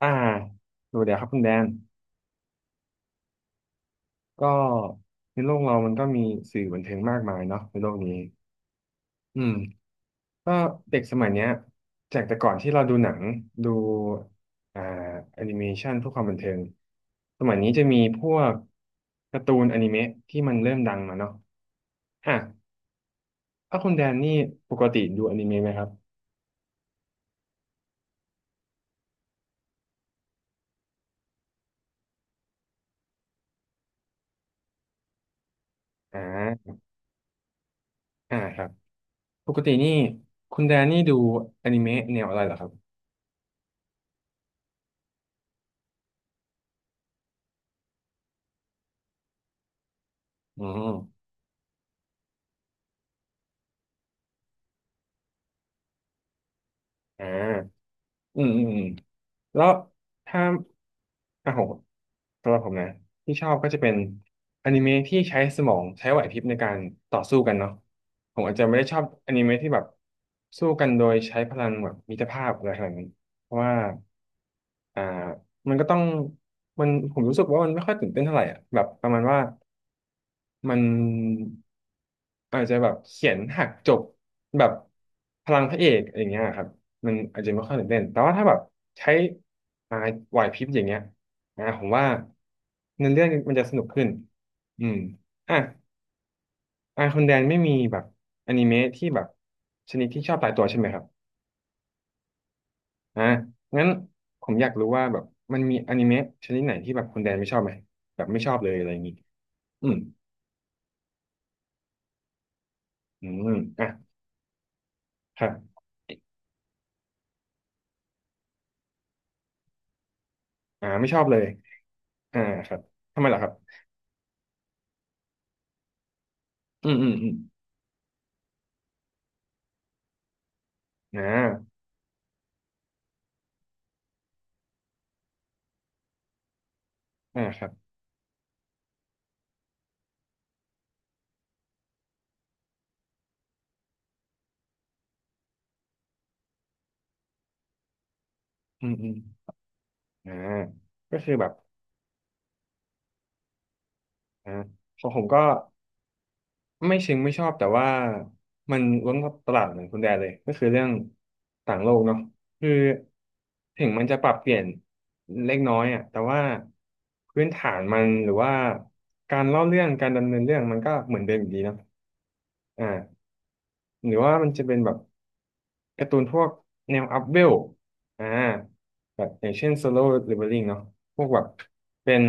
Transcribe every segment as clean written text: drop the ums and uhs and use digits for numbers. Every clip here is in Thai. อ่าดูเดี๋ยวครับคุณแดนก็ในโลกเรามันก็มีสื่อบันเทิงมากมายเนาะในโลกนี้อืมก็เด็กสมัยเนี้ยจากแต่ก่อนที่เราดูหนังดูอ่าแอนิเมชันพวกความบันเทิงสมัยนี้จะมีพวกการ์ตูนอนิเมะที่มันเริ่มดังมาเนาะอ่ะถ้าคุณแดนนี่ปกติดูอนิเมะไหมครับอ่าอ่าครับปกตินี่คุณแดนนี่ดูอนิเมะแนวอะไรเหรอครับอืมอ่า อืมอืมอืมแล้วถ้าอ่ะผมสำหรับผมนะที่ชอบก็จะเป็นอนิเมะที่ใช้สมองใช้ไหวพริบในการต่อสู้กันเนาะผมอาจจะไม่ได้ชอบอนิเมะที่แบบสู้กันโดยใช้พลังแบบมิตรภาพอะไรขนาดนั้นเพราะว่าอ่ามันก็ต้องมันผมรู้สึกว่ามันไม่ค่อยตื่นเต้นเท่าไหร่อ่ะแบบประมาณว่า มันอาจจะแบบเขียนหักจบแบบพลังพระเอกอย่างเงี้ยครับมันอาจจะไม่ค่อยตื่นเต้นแต่ว่าถ้าแบบใช้อ่าไหวพริบอย่างเงี้ยอ่าผมว่าเนื้อเรื่องมันจะสนุกขึ้นอืมอ่ะอ่าคนแดนไม่มีแบบอนิเมะที่แบบชนิดที่ชอบตายตัวใช่ไหมครับอ่างั้นผมอยากรู้ว่าแบบมันมีอนิเมะชนิดไหนที่แบบคณแดนไม่ชอบไหมแบบไม่ชอบเลยอะไรอย่างงี้อืมอืมอ่ะครับอ่าไม่ชอบเลย อ่าครับทำไมล่ะครับอืมอืมอืมอ่าอ่าครับอืมอืมอ่าก็คือแบบอ่าของผมก็ไม่เชิงไม่ชอบแต่ว่ามันล้วนตลาดเหมือนคุณแดนเลยก็คือเรื่องต่างโลกเนาะคือถึงมันจะปรับเปลี่ยนเล็กน้อยอ่ะแต่ว่าพื้นฐานมันหรือว่าการเล่าเรื่องการดำเนินเรื่องมันก็เหมือนเดิมอยู่ดีเนาะอ่าหรือว่ามันจะเป็นแบบ การ์ตูนพวกแนวอัพเวลอ่าแบบอย่างเช่นโซโล่เลเวลลิ่งเนาะพวกแบบเป็น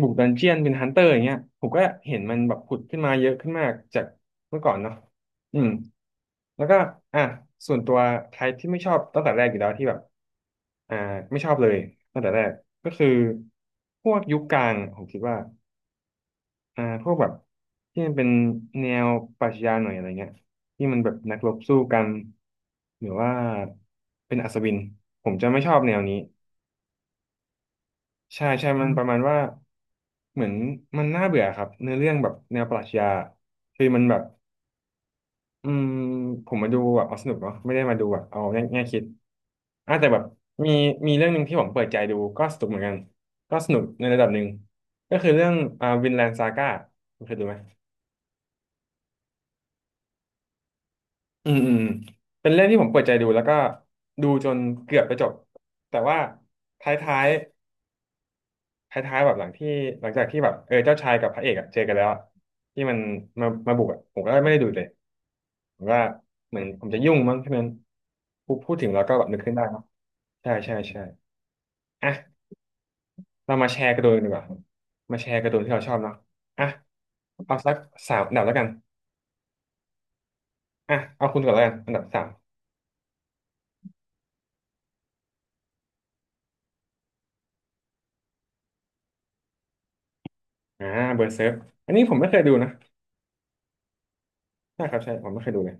บุกดันเจียนเป็นฮันเตอร์อย่างเงี้ยผมก็เห็นมันแบบผุดขึ้นมาเยอะขึ้นมากจากเมื่อก่อนเนาะอืมแล้วก็อ่ะส่วนตัวไทป์ที่ไม่ชอบตั้งแต่แรกอยู่แล้วที่แบบอ่าไม่ชอบเลยตั้งแต่แรกก็คือพวกยุคกลางผมคิดว่า พวกแบบที่มันเป็นแนวปรัชญาหน่อยอะไรเงี้ยที่มันแบบนักรบสู้กันหรือว่าเป็นอัศวินผมจะไม่ชอบแนวนี้ใช่ใช่มันประมาณว่าเหมือนมันน่าเบื่อครับเนื้อเรื่องแบบแนวปรัชญาคือมันแบบอืมผมมาดูแบบเอาสนุกเนาะไม่ได้มาดูแบบเอาแง่แง่คิดอ่ะแต่แบบมีมีเรื่องหนึ่งที่ผมเปิดใจดูก็สนุกเหมือนกันก็สนุกในระดับหนึ่งก็คือเรื่องวินแลนด์ซาก้าคุณเคยดูไหม อืมอืมเป็นเรื่องที่ผมเปิดใจดูแล้วก็ดูจนเกือบจะจบแต่ว่าท้ายๆท้ายๆแบบหลังที่หลังจากที่แบบเออเจ้าชายกับพระเอกอะเจอกันแล้วอะที่มันมาบุกอะผมก็ไม่ได้ดูเลยผมว่าเหมือนผมจะยุ่งมั้งที่มันพูดถึงแล้วก็แบบนึกขึ้นได้เนาะใช่ใช่ใช่อ่ะเรามาแชร์การ์ตูนกันดีกว่ามาแชร์การ์ตูนที่เราชอบเนาะอ่ะเอาสักสามอันดับแล้วกันอ่ะเอาคุณก่อนแล้วกันอันดับสามอ่าเบอร์เซิร์ฟอันนี้ผมไม่เคยดูนะใช่ครับใช่ผมไม่เคยดูเลย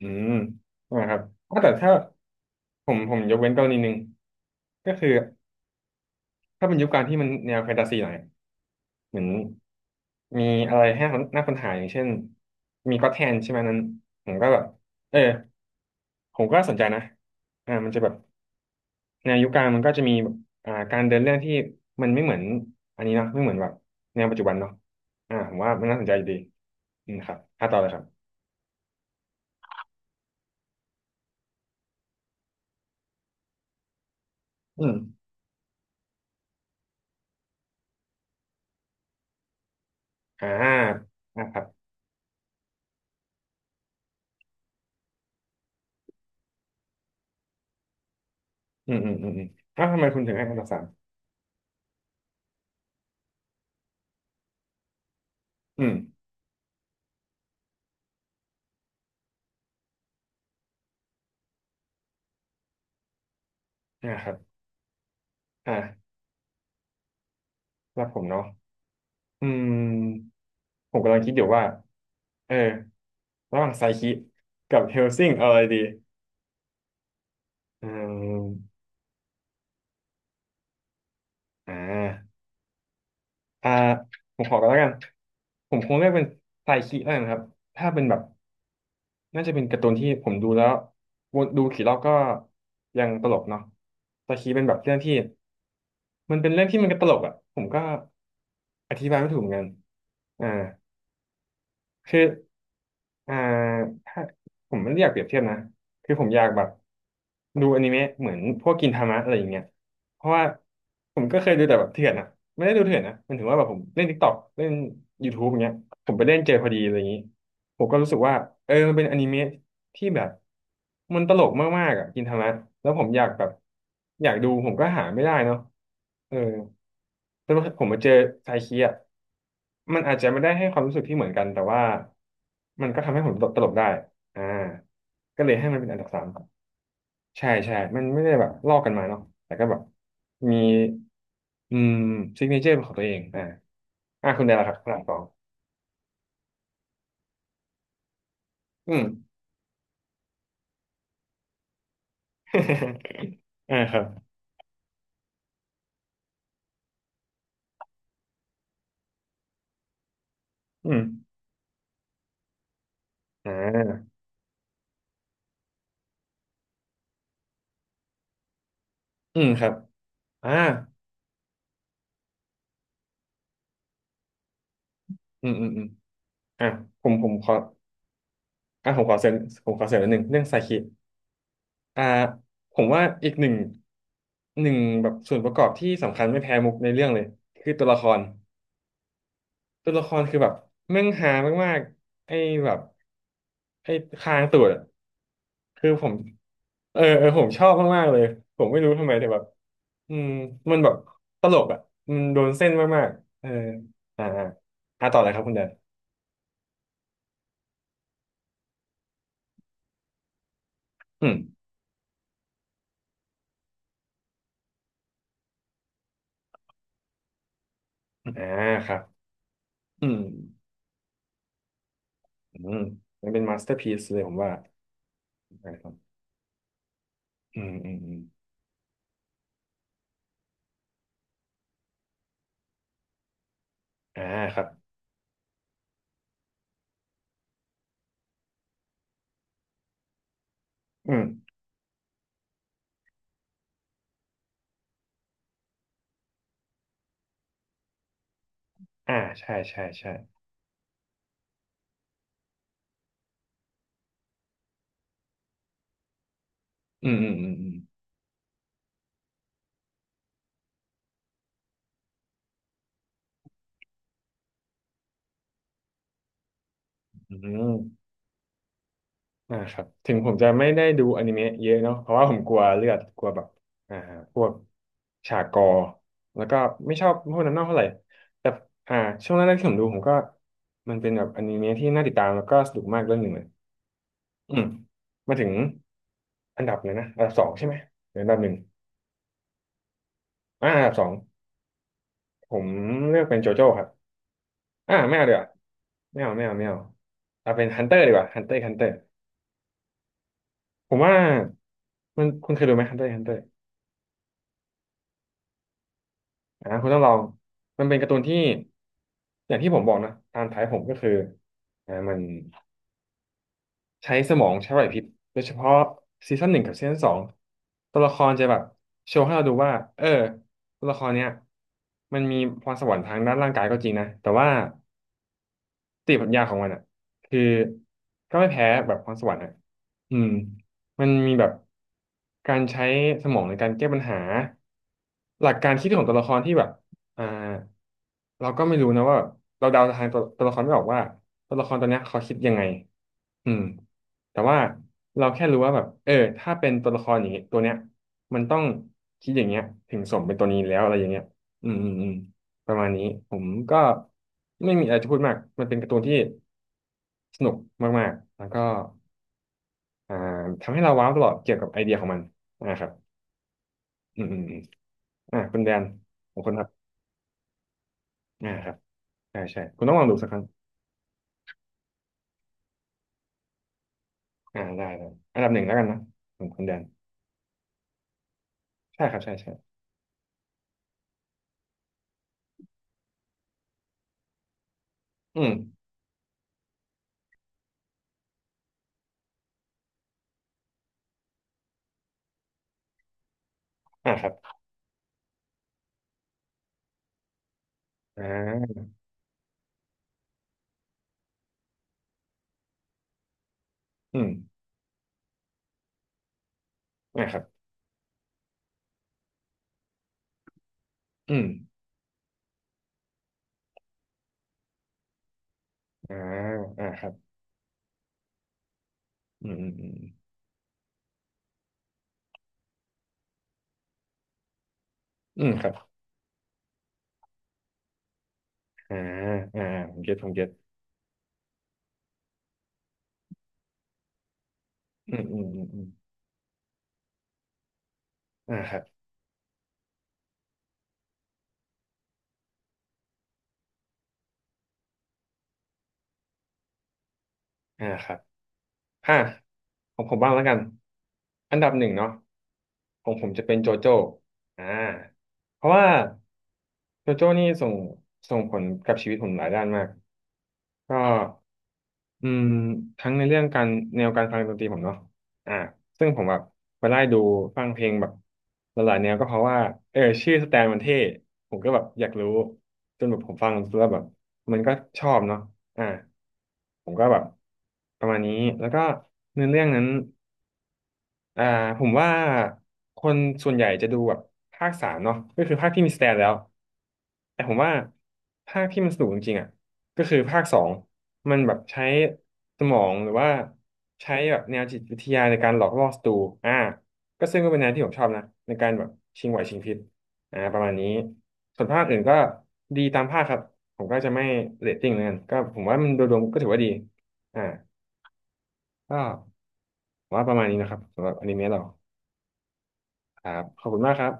อืมนะครับอ้าวแต่ถ้าผมยกเว้นกรณีหนึ่งก็คือถ้าเป็นยุคการที่มันแนวแฟนตาซีหน่อยเหมือนมีอะไรให้คนน่าค้นหาอย่างเช่นมีก็อตแทนใช่ไหมนั้นผมก็แบบเออผมก็สนใจนะมันจะแบบแนวยุคกลางมันก็จะมีแบบการเดินเรื่องที่มันไม่เหมือนอันนี้เนาะไม่เหมือนแบบแนวปัจจุบันเนาะอ่าผมว่ามันน่าสนใจอยู่ดีอืมครับถ้าต่อเลยครับอืมอ่าอ่าครับอืมอืมอืมอืมแล้วทำไมคุณถึงให้คำตอบสาม อืมนะครับอ่าแล้วผมเนาะอืมผมกำลังคิดอยู่ว่าเออระหว่างไซคิกับเฮลซิงเอาอะไรดีอืมอ่าอ่าผมขอกันแล้วกัน ผมคงเลือกเป็นไซคิแล้วกันครับถ้าเป็นแบบน่าจะเป็นการ์ตูนที่ผมดูแล้ววนดูกี่รอบก็ยังตลกเนาะไซคิเป็นแบบเรื่องที่มันเป็นเรื่องที่มันก็ตลกอ่ะผมก็อธิบายไม่ถูกเหมือนกันอ่าคือ อ่าถ้าผมไม่ได้อยากเปรียบเทียบนะคือผมอยากแบบดูอนิเมะเหมือนพวกกินทามะอะไรอย่างเงี้ยเพราะว่าผมก็เคยดูแต่แบบเถื่อนนะไม่ได้ดูเถื่อนนะมันถึงว่าแบบผมเล่น TikTok เล่น YouTube อย่างเงี้ยผมไปเล่นเจอพอดีอะไรอย่างงี้ผมก็รู้สึกว่าเออมันเป็นอนิเมะที่แบบมันตลกมากๆอ่ะกินทามะแล้วผมอยากแบบอยากดูผมก็หาไม่ได้เนาะเออ แล้วผมมาเจอไซคิอีมันอาจจะไม่ได้ให้ความรู้สึกที่เหมือนกันแต่ว่ามันก็ทำให้ผมตลกตลกได้อ่าก็เลยให้มันเป็นอันดับสามใช่ใช่ มันไม่ได้แบบลอกกันมาเนาะแต่ก็แบบมีอืมซิกเนเจอร์เป็นของตัวเองอ่าคุณได้ละครับหลังสองอืม อ่าครับอืมอ่าอืมครับอ่าอืมอืมอืมอ่าผมขอผมขอเสริมผมขอเสริมนิดนึงเรื่องไซคิ อ่าผมว่าอีกหนึ่งแบบส่วนประกอบที่สำคัญไม่แพ้มุกในเรื่องเลยคือตัวละครตัวละครคือแบบแม่งฮามากๆไอ้แบบไอ้คางตูดอะคือผมเออเออผมชอบมากๆเลยผมไม่รู้ทำไมแต่แบบอืมมันแบบตลกอ่ะมันโดนเส้นมากๆเอออ่าอ่าต่อเลยครับคุณแดนอืมอ่าครับอืมอืมมันเป็นมาสเตอร์พีซเลยผมว่านะครับอืมอืมอืมอ่าครับอืม อ่าใช่ใช่ใช่อืมอืมอืมอืมอืมครับถึงผมจะไม่ได้ดูอนิเมะเยอะเนาะเพราะว่าผมกลัวเลือดกลัวแบบอ่าพวกฉากกอแล้วก็ไม่ชอบพวกนั้นมากเท่าไหร่แต่อ่าช่วงแรกๆที่ผมดูผมก็มันเป็นแบบอนิเมะที่น่าติดตามแล้วก็สนุกมากเรื่องหนึ่งเลยอืมมาถึงอันดับเลยนะอันดับสองใช่ไหมหรืออันดับหนึ่งอันดับสองผมเลือกเป็นโจโจ้ครับไม่เอาเดี๋ยวาไม่เอาไม่เอาไม่เอาเอาเป็นฮันเตอร์ดีกว่าฮันเตอร์ฮันเตอร์ ผมว่ามันคุณเคยดูไหมฮันเตอร์ฮันเตอร์คุณต้องลองมันเป็นการ์ตูนที่อย่างที่ผมบอกนะตามท้ายผมก็คือมันใช้สมองใช้ไหวพริบโดยเฉพาะซีซั่นหนึ่งกับซีซั่นสองตัวละครจะแบบโชว์ให้เราดูว่าเออตัวละครเนี้ยมันมีพรสวรรค์ทางด้านร่างกายก็จริงนะแต่ว่า สติปัญญาของมันอ่ะคือก็ไม่แพ้แบบพรสวรรค์อ่ะอืมมันมีแบบการใช้สมองในการแก้ปัญหาหลักการคิดของตัวละครที่แบบอ่าเราก็ไม่รู้นะว่าเราเดาทางตัวละครไม่ออกว่าตัวละครตัวเนี้ยเขาคิดยังไงอืมแต่ว่าเราแค่รู้ว่าแบบเออถ้าเป็นตัวละครอย่างเงี้ยตัวเนี้ยมันต้องคิดอย่างเงี้ยถึงสมเป็นตัวนี้แล้วอะไรอย่างเงี้ยอืมอืมอืม ประมาณนี้ผมก็ไม่มีอะไรจะพูดมากมันเป็นการ์ตูนที่สนุกมากๆแล้วก็อ่าทำให้เราว้าวตลอดเกี่ยวกับไอเดียของมันอ่าครับอืมอืมอมคุณแดนของคุณครับอ่าครับใช่ใช่คุณต้องลองดูสักครั้งได้ได้อันดับหนึ่งแล้วกันนะของคุณแดนใช่ครับใช่ใช่อืมครับอ่าอืมครับอืมอ่าครับอืมอืมอืมอืมครับอ่าอ่าผมเก็ตผมเก็ตอืมอืมอืมอืมอ่าครับอ่าครับ อ่ะของผมบ้างแล้วกันอันดับหนึ่งเนาะของผมจะเป็นโจโจ้อ่าเพราะว่าโจโจ้นี่ส่งผลกับชีวิตผมหลายด้านมากก็อืมทั้งในเรื่องการแนวการฟังดนตรีผมเนาะอ่าซึ่งผมแบบไปไล่ดูฟังเพลงแบบหลายๆแนวก็เพราะว่าเออชื่อสแตนมันเท่ผมก็แบบอยากรู้จนแบบผมฟังแล้วแบบมันก็ชอบเนาะ อ่าผมก็แบบประมาณนี้แล้วก็เนื้อเรื่องนั้น อ่าผมว่าคนส่วนใหญ่จะดูแบบภาคสามเนาะก็คือภาคที่มีสแตนแล้วแต่ผมว่าภาคที่มันสนุกจริงๆอ่ะก็คือภาคสองมันแบบใช้สมองหรือว่าใช้แบบแนวจิตวิทยาในการหลอกล่อศัตรูอ่าก็ซึ่งก็เป็นแนวที่ผมชอบนะในการแบบชิงไหวชิงพริบประมาณนี้ส่วนภาคอื่นก็ดีตามภาคครับผมก็จะไม่เรตติ้งเหมลอนกันก็ผมว่ามันโดยรวมก็ถือว่าดีอ่าก็ผมว่าประมาณนี้นะครับสำหรับอนิเมะเรา ครับขอบคุณมากครับ